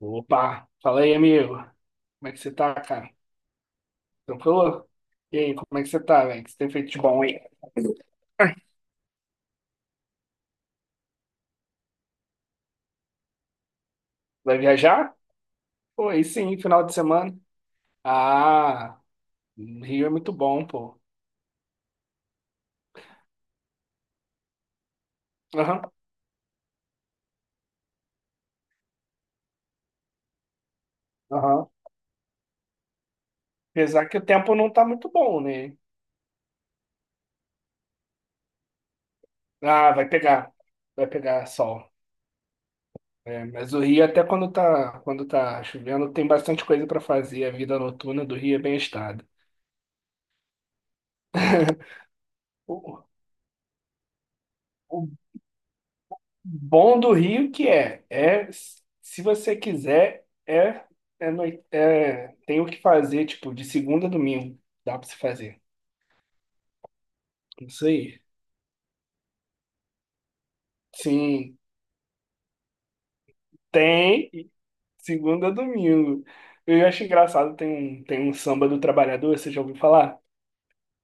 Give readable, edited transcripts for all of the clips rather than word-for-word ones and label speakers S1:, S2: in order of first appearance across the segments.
S1: Opa, fala aí, amigo. Como é que você tá, cara? Tranquilo? E aí, como é que você tá, velho? O que você tem feito de bom aí? Vai viajar? Pô, aí sim, final de semana. Ah, Rio é muito bom, pô. Aham, aham. Apesar que o tempo não tá muito bom, né? Ah, vai pegar. Vai pegar sol. É, mas o Rio, até quando tá chovendo, tem bastante coisa pra fazer. A vida noturna do Rio é bem agitada. O, o bom do Rio que é, é se você quiser, é, tem o que fazer, tipo, de segunda a domingo, dá pra você fazer. Isso aí. Sim, tem segunda a domingo. Eu acho engraçado, tem um samba do trabalhador, você já ouviu falar?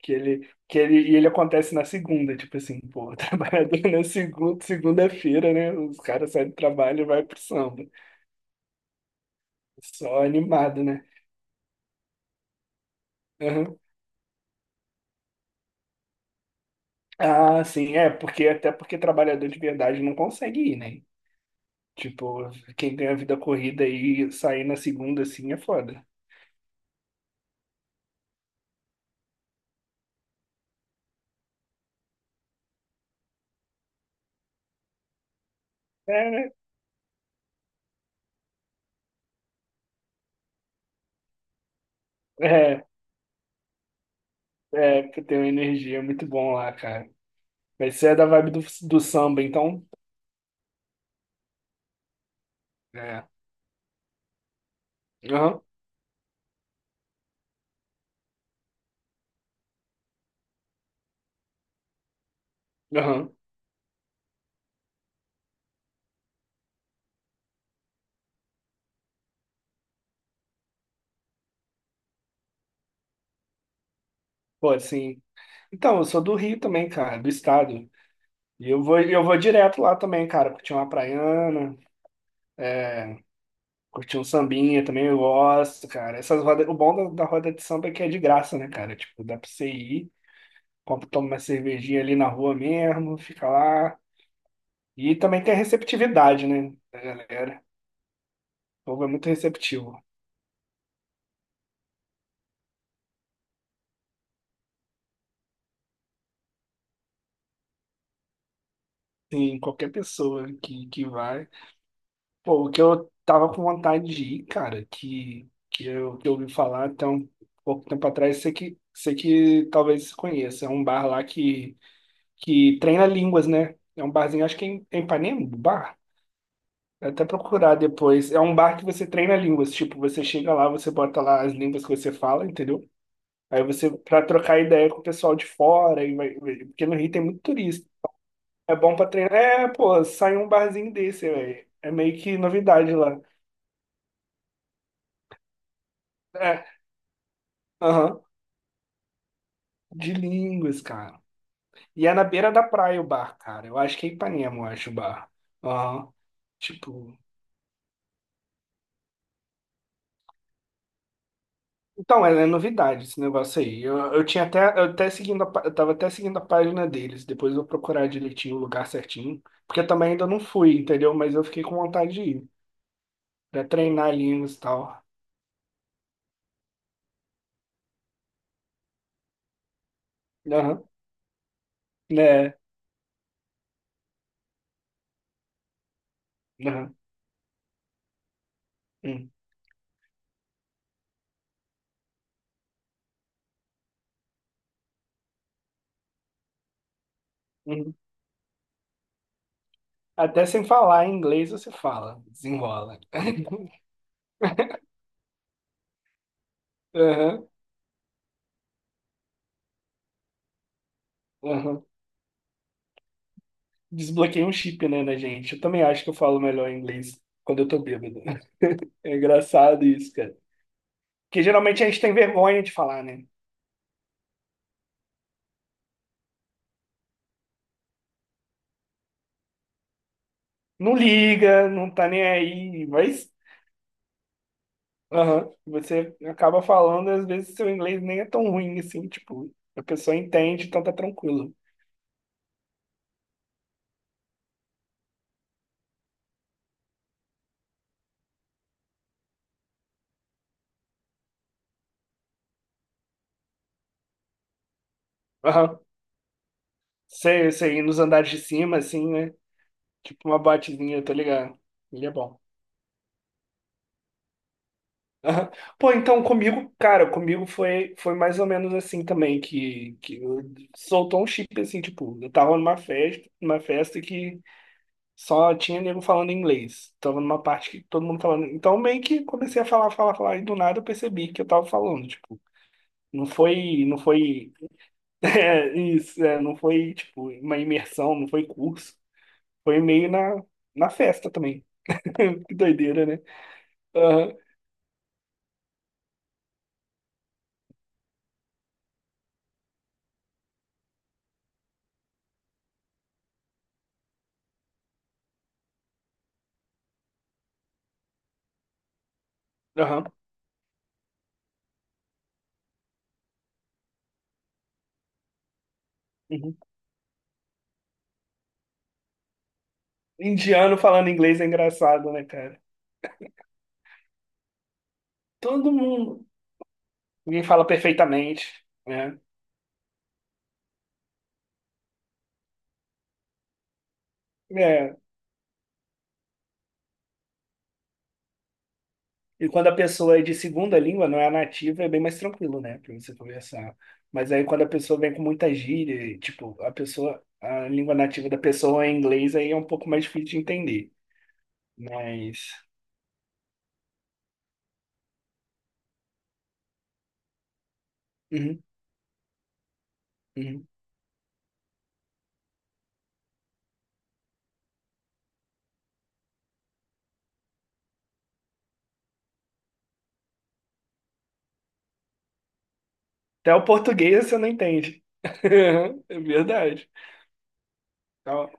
S1: E ele acontece na segunda, tipo assim, pô, o trabalhador na segunda, segunda-feira, né? Os caras saem do trabalho e vai pro samba. Só animado, né? Ah, sim, é, porque até porque trabalhador de verdade não consegue ir, né? Tipo, quem ganha vida corrida e sair na segunda assim é foda. É, né? é, que tem uma energia muito bom lá, cara. Mas você é da vibe do, do samba, então? É. Aham, aham. Pô, assim. Então, eu sou do Rio também, cara, do estado. E eu vou direto lá também, cara, curtir uma praiana, é, curtir um sambinha também, eu gosto, cara. Essas rodas, o bom da, da roda de samba é que é de graça, né, cara? Tipo, dá pra você ir, compra, toma uma cervejinha ali na rua mesmo, fica lá. E também tem a receptividade, né, da galera. O povo é muito receptivo. Tem qualquer pessoa que vai. Pô, o que eu tava com vontade de ir, cara, que eu ouvi falar até um pouco tempo atrás, sei que talvez você conheça. É um bar lá que treina línguas, né? É um barzinho, acho que é em Ipanema, o bar. Vou até procurar depois. É um bar que você treina línguas. Tipo, você chega lá, você bota lá as línguas que você fala, entendeu? Aí você, pra trocar ideia com o pessoal de fora, e porque no Rio tem muito turista. É bom pra treinar. É, pô, sai um barzinho desse, velho. É meio que novidade lá. É, aham. De línguas, cara. E é na beira da praia o bar, cara. Eu acho que é Ipanema, eu acho o bar. Aham. Tipo. Então, é, é novidade esse negócio aí. Eu tinha até. Eu tava até seguindo a página deles. Depois eu vou procurar direitinho o lugar certinho. Porque eu também ainda não fui, entendeu? Mas eu fiquei com vontade de ir. Pra treinar línguas e tal. Aham. Né? Aham. Hum. Uhum. Até sem falar em inglês você fala, desenrola. Aham. Aham. Desbloqueei um chip, né, na gente. Eu também acho que eu falo melhor inglês quando eu tô bêbado. É engraçado isso, cara. Porque geralmente a gente tem vergonha de falar, né? Não liga, não tá nem aí, mas aham, você acaba falando, às vezes seu inglês nem é tão ruim assim, tipo, a pessoa entende, então tá tranquilo. Aham. Sei, você nos andares de cima, assim, né? Tipo uma batezinha, tá ligado? Ele é bom. Aham. Pô, então comigo, cara, comigo foi, foi mais ou menos assim também, soltou um chip assim, tipo, eu tava numa festa que só tinha nego falando inglês. Tava numa parte que todo mundo falando. Então meio que comecei a falar, falar, falar, e do nada eu percebi que eu tava falando, tipo, não foi, é, isso, não foi, tipo, uma imersão, não foi curso, foi meio na, na festa também. Que doideira, né? Aham, aham. Uhum. Indiano falando inglês é engraçado, né, cara? Todo mundo. Ninguém fala perfeitamente, né? É. E quando a pessoa é de segunda língua, não é a nativa, é bem mais tranquilo, né, pra você conversar. Mas aí quando a pessoa vem com muita gíria, e, tipo, a pessoa, a língua nativa da pessoa é inglês, aí é um pouco mais difícil de entender. Mas. Uhum, uhum. Até o português você não entende. É verdade. Então,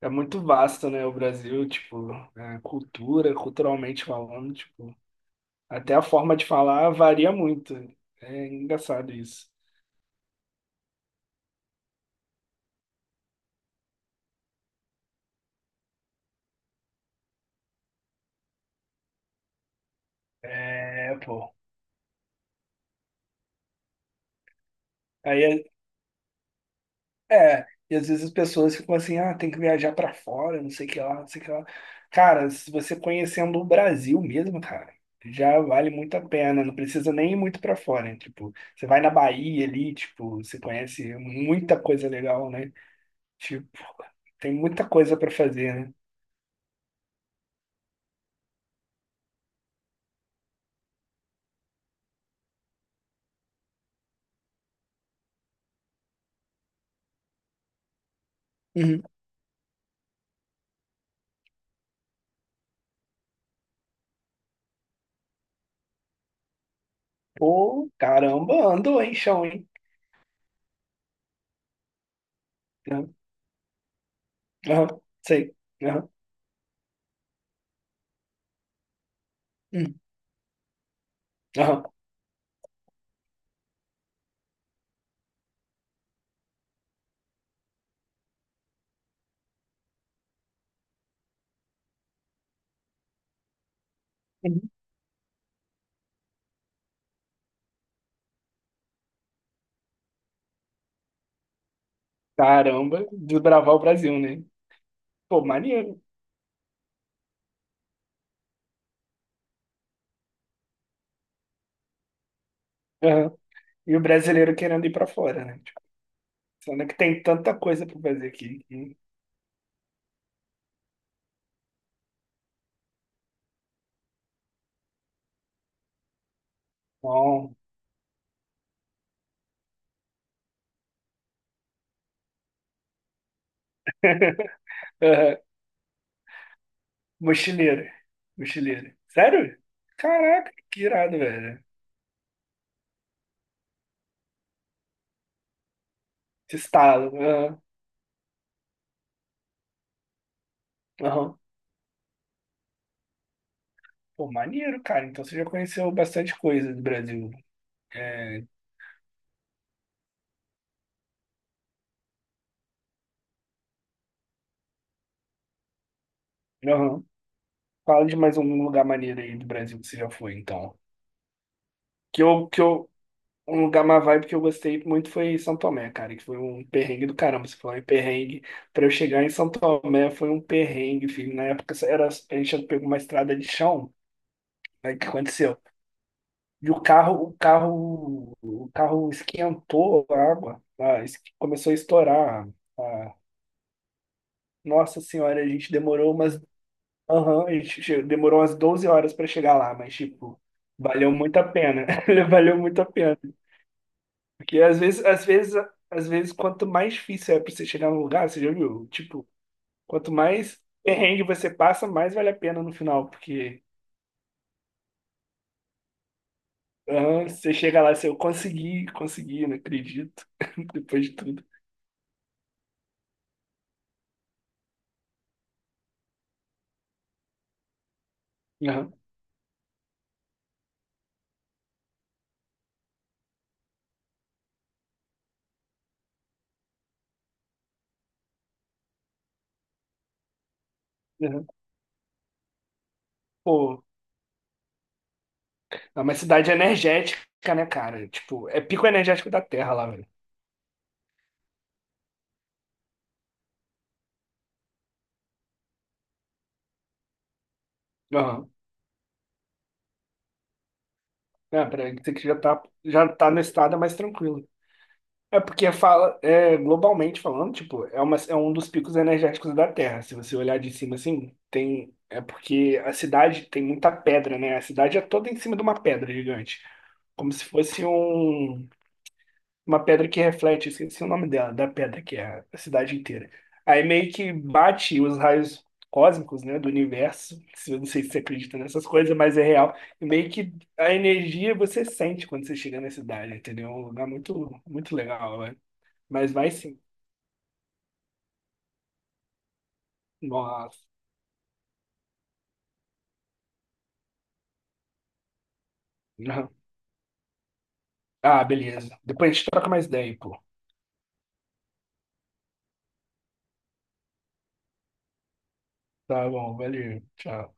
S1: é muito vasto, né, o Brasil, tipo, a cultura, culturalmente falando, tipo, até a forma de falar varia muito. É engraçado isso. É, pô. Aí, é, e às vezes as pessoas ficam assim, ah, tem que viajar pra fora, não sei o que lá, não sei o que lá. Cara, se você conhecendo o Brasil mesmo, cara, já vale muito a pena, não precisa nem ir muito pra fora, né? Tipo, você vai na Bahia ali, tipo, você conhece muita coisa legal, né? Tipo, tem muita coisa pra fazer, né? Pô, caramba, andou, hein, chão, hein? Aham, aham, sei. Aham, hum, aham. Uhum. Caramba, desbravar o Brasil, né? Pô, maneiro. Aham. E o brasileiro querendo ir pra fora, né? Tipo, sendo que tem tanta coisa pra fazer aqui. Que. Bom. Aham. Mochileiro. Mochileiro. Sério? Caraca, que irado, velho. Esse estalo. Aham. Aham. Pô, maneiro, cara. Então você já conheceu bastante coisa do Brasil, né? É... aham. Fala de mais um lugar maneiro aí do Brasil que você já foi, então. Que eu, um lugar má vibe que eu gostei muito foi São Tomé, cara, que foi um perrengue do caramba. Você falou em perrengue. Pra eu chegar em São Tomé foi um perrengue, filho. Na época era, a gente pegou uma estrada de chão, aí o que aconteceu? E o carro esquentou a água, tá? Es- começou a estourar. A. Nossa Senhora, a gente demorou umas, aham, e demorou umas 12 horas pra chegar lá, mas, tipo, valeu muito a pena. Valeu muito a pena. Porque às vezes, às vezes, às vezes, quanto mais difícil é pra você chegar num lugar, você já viu? Tipo, quanto mais perrengue você passa, mais vale a pena no final. Porque aham, você chega lá, você, eu consegui, consegui, não acredito. Depois de tudo. Aham, aham. Pô, é uma cidade energética, né, cara? Tipo, é pico energético da Terra lá, velho. Aham. É, pra você que já tá no estado mais tranquilo. É porque fala, globalmente falando, tipo, é um dos picos energéticos da Terra. Se você olhar de cima assim, tem. É porque a cidade tem muita pedra, né? A cidade é toda em cima de uma pedra gigante. Como se fosse uma pedra que reflete, esqueci o nome dela, da pedra, que é a cidade inteira. Aí meio que bate os raios cósmicos, né, do universo. Eu não sei se você acredita nessas coisas, mas é real. E meio que a energia você sente quando você chega na cidade, entendeu? É um lugar muito, muito legal, né? Mas vai sim. Nossa. Ah, beleza. Depois a gente troca mais ideia, pô. Tá bom, valeu. Tchau.